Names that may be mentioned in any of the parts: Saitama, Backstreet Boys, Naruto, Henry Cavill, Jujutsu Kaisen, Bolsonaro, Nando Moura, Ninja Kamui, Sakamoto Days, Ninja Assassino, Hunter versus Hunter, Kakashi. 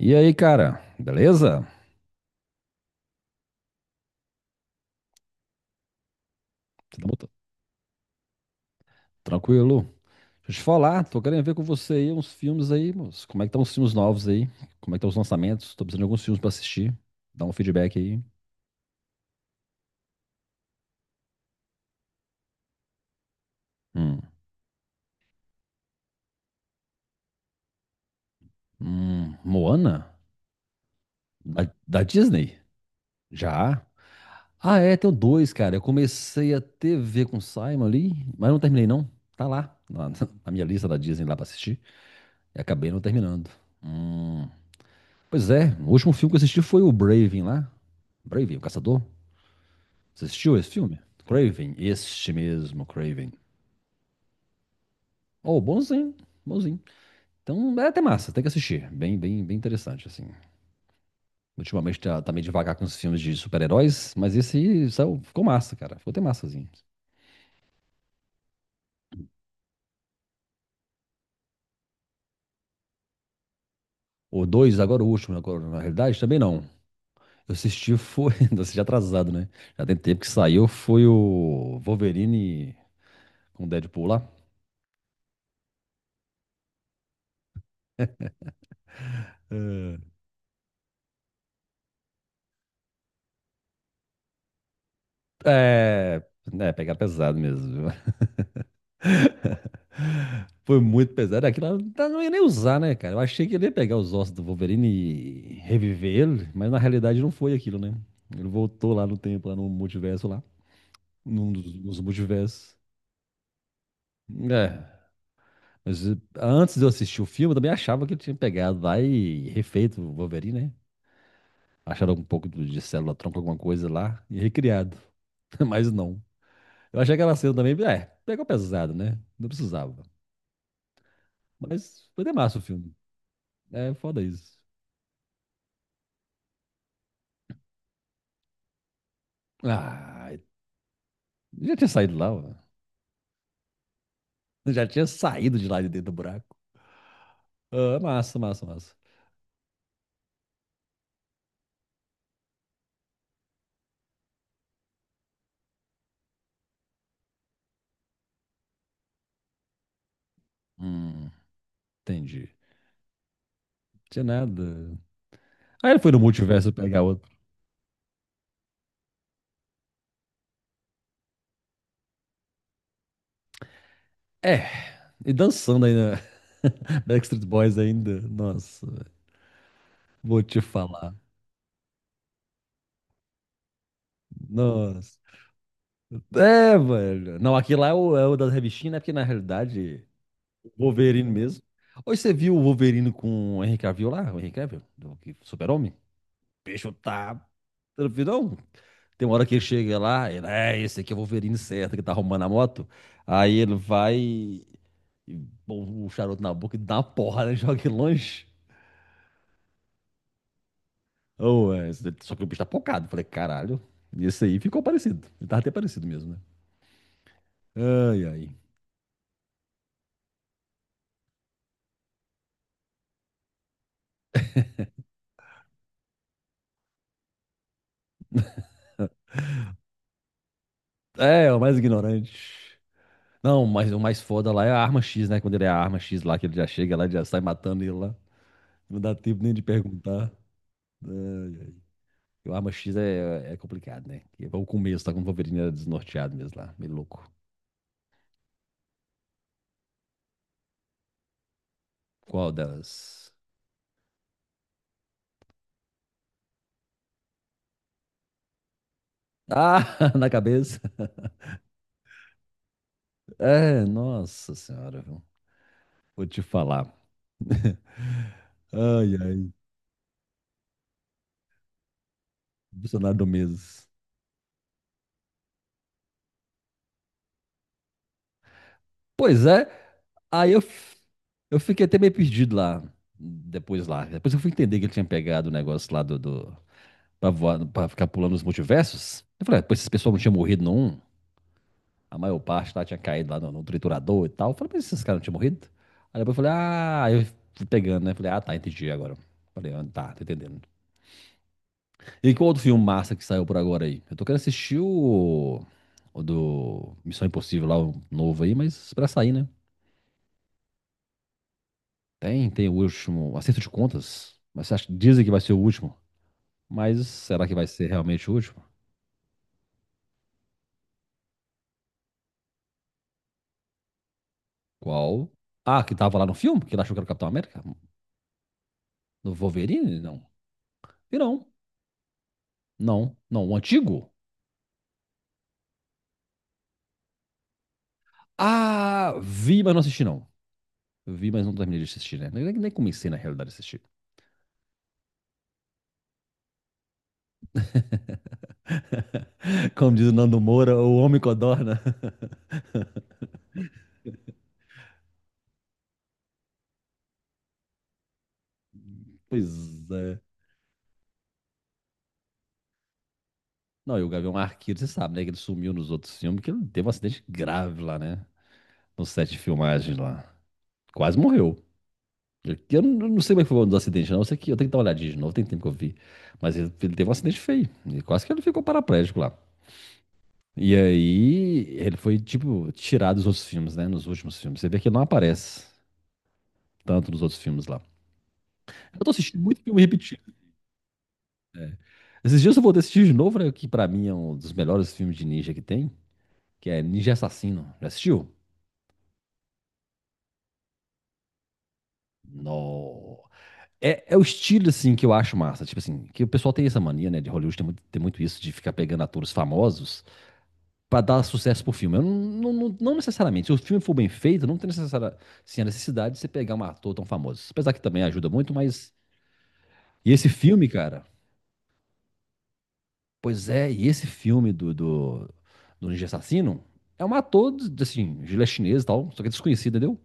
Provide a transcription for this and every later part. E aí, cara, beleza? Tamo t- Tranquilo? Deixa eu te falar, tô querendo ver com você aí uns filmes aí, moço. Como é que estão os filmes novos aí? Como é que estão os lançamentos? Tô precisando de alguns filmes pra assistir. Dá um feedback aí. Hum, Moana? Da Disney? Já? Ah, é, tem dois, cara. Eu comecei a TV com o Simon ali, mas não terminei não. Tá lá, na, na minha lista da Disney lá pra assistir. E acabei não terminando. Hum. Pois é, o último filme que eu assisti foi o Braving lá. Braving, o Caçador. Você assistiu esse filme? Craven, este mesmo, Craven. Oh, bonzinho, bonzinho. Então é até massa, tem que assistir. Bem, bem, bem interessante, assim. Ultimamente tá meio devagar com os filmes de super-heróis, mas esse aí saiu, ficou massa, cara. Ficou até massazinho. O dois, agora o último, agora, na realidade, também não. Eu assisti, foi. Eu assisti atrasado, né? Já tem tempo que saiu, foi o Wolverine com o Deadpool lá. É. É, pegar pesado mesmo. Viu? Foi muito pesado. Aquilo lá não ia nem usar, né, cara? Eu achei que ele ia pegar os ossos do Wolverine e reviver ele, mas na realidade não foi aquilo, né? Ele voltou lá no tempo, lá no multiverso, lá. Num dos multiversos. É. Mas antes de eu assistir o filme, eu também achava que ele tinha pegado lá e refeito o Wolverine, né? Acharam um pouco de célula tronco, alguma coisa lá, e recriado. Mas não. Eu achei aquela cena também, é, pegou pesado, né? Não precisava. Mas foi de massa o filme. É foda isso. Ah, já tinha saído lá, ó. Já tinha saído de lá de dentro do buraco. Ah, massa, massa, massa. Hum, entendi. Não tinha nada. Aí ele foi no multiverso pegar outro. É, e dançando ainda. Backstreet Boys ainda. Nossa, vou te falar. Nossa. É, velho. Não, aqui lá é o, é o das revistinhas, né? Porque na realidade, o Wolverine mesmo. Hoje você viu o Wolverine com o Henry Cavill lá? O Henry Cavill? Super-Homem? O bicho tá. Você não viu, não? Tem uma hora que ele chega lá, ele, é, esse aqui é o Wolverine certo, que tá arrumando a moto. Aí ele vai, e põe o charuto na boca e dá uma porrada, né, joga ele longe. Oh, é, só que o bicho tá focado. Falei, caralho, esse aí ficou parecido. Ele tava até parecido mesmo, né? Ai, ai. É, o mais ignorante. Não, mas o mais foda lá é a arma X, né? Quando ele é a arma X lá, que ele já chega lá, ele já sai matando ele lá. Não dá tempo nem de perguntar. Ai, ai. O Arma X é complicado, né? Que é o começo, tá com o Wolverine era desnorteado mesmo lá, meio louco. Qual delas? Ah, na cabeça. É, nossa senhora, viu? Vou te falar. Ai, ai, Bolsonaro do mês. Pois é, aí eu fiquei até meio perdido lá. Depois eu fui entender que ele tinha pegado o negócio lá do, do pra voar, pra ficar pulando os multiversos. Eu falei, ah, pô, esse pessoal não tinha morrido não? A maior parte lá tinha caído lá no triturador e tal. Eu falei, mas esses caras não tinham morrido? Aí depois eu falei, ah, aí eu fui pegando, né? Falei, ah, tá, entendi agora. Falei, ah, tá, tô entendendo. E qual outro filme massa que saiu por agora aí? Eu tô querendo assistir o do Missão Impossível lá, o novo aí, mas pra sair, né? Tem o último, acerto de contas. Mas você dizem que vai ser o último. Mas será que vai ser realmente o último? Qual? Ah, que tava lá no filme, que ele achou que era o Capitão América? No Wolverine? Não. E não. Não, não. O antigo? Ah, vi, mas não assisti não. Vi, mas não terminei de assistir, né? Nem comecei, na realidade, a assistir. Como diz o Nando Moura, o homem codorna. Pois é. Não, e o Gavião Arqueiro, você sabe, né? Que ele sumiu nos outros filmes, que ele teve um acidente grave lá, né? No set de filmagem lá. Quase morreu. Eu não sei como é que foi o dos acidentes, não. Eu sei que eu tenho que dar uma olhadinha de novo, tem tempo que eu vi. Mas ele teve um acidente feio. E quase que ele ficou paraplégico lá. E aí, ele foi, tipo, tirado dos outros filmes, né? Nos últimos filmes. Você vê que ele não aparece tanto nos outros filmes lá. Eu tô assistindo muito filme repetido. Esses dias eu vou assistir de novo, né? Que pra mim é um dos melhores filmes de ninja que tem, que é Ninja Assassino. Já assistiu? No. É o estilo, assim, que eu acho massa. Tipo assim, que o pessoal tem essa mania, né? De Hollywood tem muito isso de ficar pegando atores famosos pra dar sucesso pro filme. Eu não necessariamente. Se o filme for bem feito, não tem necessária, assim, a necessidade de você pegar um ator tão famoso. Apesar que também ajuda muito, mas. E esse filme, cara, Pois é, e esse filme do Ninja Assassino é um ator, assim, ele é chinês e tal, só que é desconhecido, entendeu?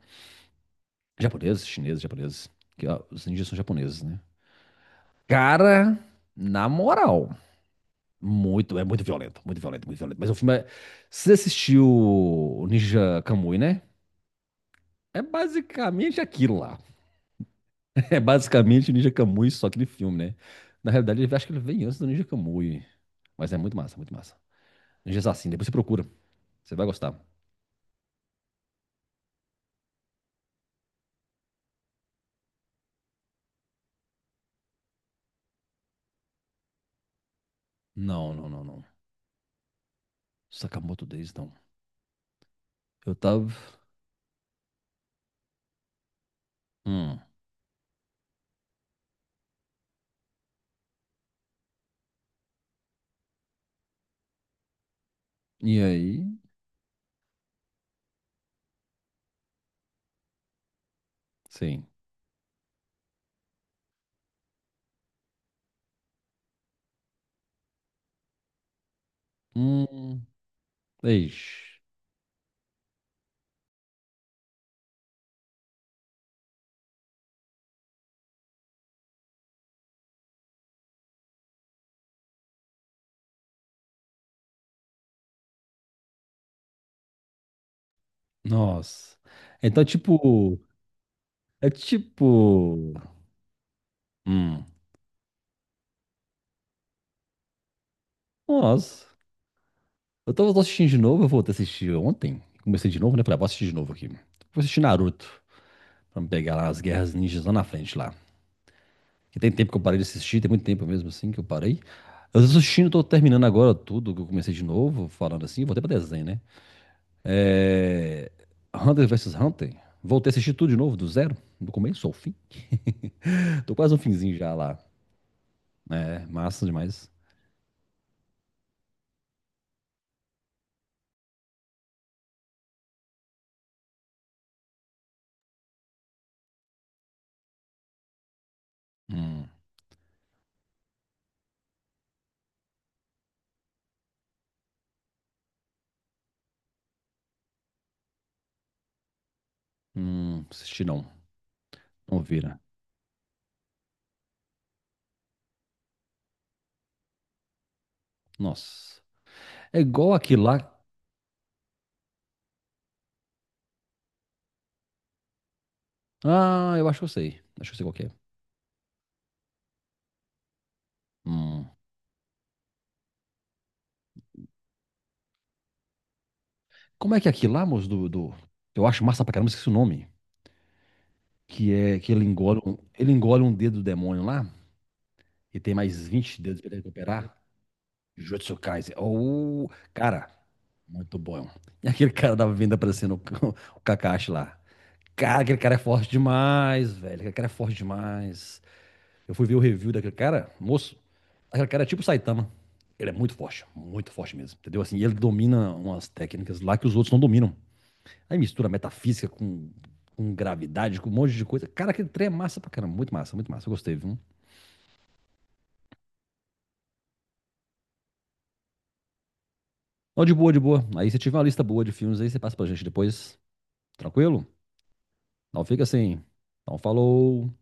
Japonês, chinês, japoneses. Que, ó, os ninjas são japoneses, né? Cara, na moral, muito, é muito violento, muito violento, muito violento. Mas o filme é... Se você assistiu o Ninja Kamui, né? É basicamente aquilo lá. É basicamente o Ninja Kamui, só aquele filme, né? Na realidade, eu acho que ele veio antes do Ninja Kamui. Mas é muito massa, muito massa. Ninja Assassino, depois você procura. Você vai gostar. Não, não, não, não. Sakamoto Days, não. Eu tava. Hum. E aí? Sim. Hum. Ixi. Nossa. Então, tipo. É tipo. Hum. Nossa. Eu tava assistindo de novo, eu voltei a assistir ontem. Comecei de novo, né? Falei, ah, vou assistir de novo aqui. Vou assistir Naruto. Pra me pegar lá as guerras ninjas lá na frente lá. Que tem tempo que eu parei de assistir, tem muito tempo mesmo assim que eu parei. Eu tô assistindo, tô terminando agora tudo que eu comecei de novo, falando assim, voltei pra desenho, né? É... Hunter versus Hunter. Voltei a assistir tudo de novo, do zero, do começo ao fim. Tô quase no finzinho já lá. É massa demais. Hum, assisti não. Não vira. Nossa. É igual aquilo lá. Ah, eu acho que eu sei. Acho que eu sei qual que é. Hum. Como é que é aquilo lá, moço, Eu acho massa pra caramba, esqueci o nome. Que é que ele engole, ele engole um dedo do demônio lá. E tem mais 20 dedos pra ele recuperar. Jujutsu Kaisen. Ou. Cara, muito bom. E aquele cara da vinda aparecendo, o o Kakashi lá. Cara, aquele cara é forte demais, velho. Aquele cara é forte demais. Eu fui ver o review daquele cara, moço. Aquele cara é tipo o Saitama. Ele é muito forte mesmo, entendeu? Assim, ele domina umas técnicas lá que os outros não dominam. Aí mistura metafísica com gravidade, com um monte de coisa. Cara, aquele trem é massa pra caramba. Muito massa, muito massa. Eu gostei, viu? Ó, de boa, de boa. Aí você tiver uma lista boa de filmes aí, você passa pra gente depois. Tranquilo? Não fica assim. Então, falou.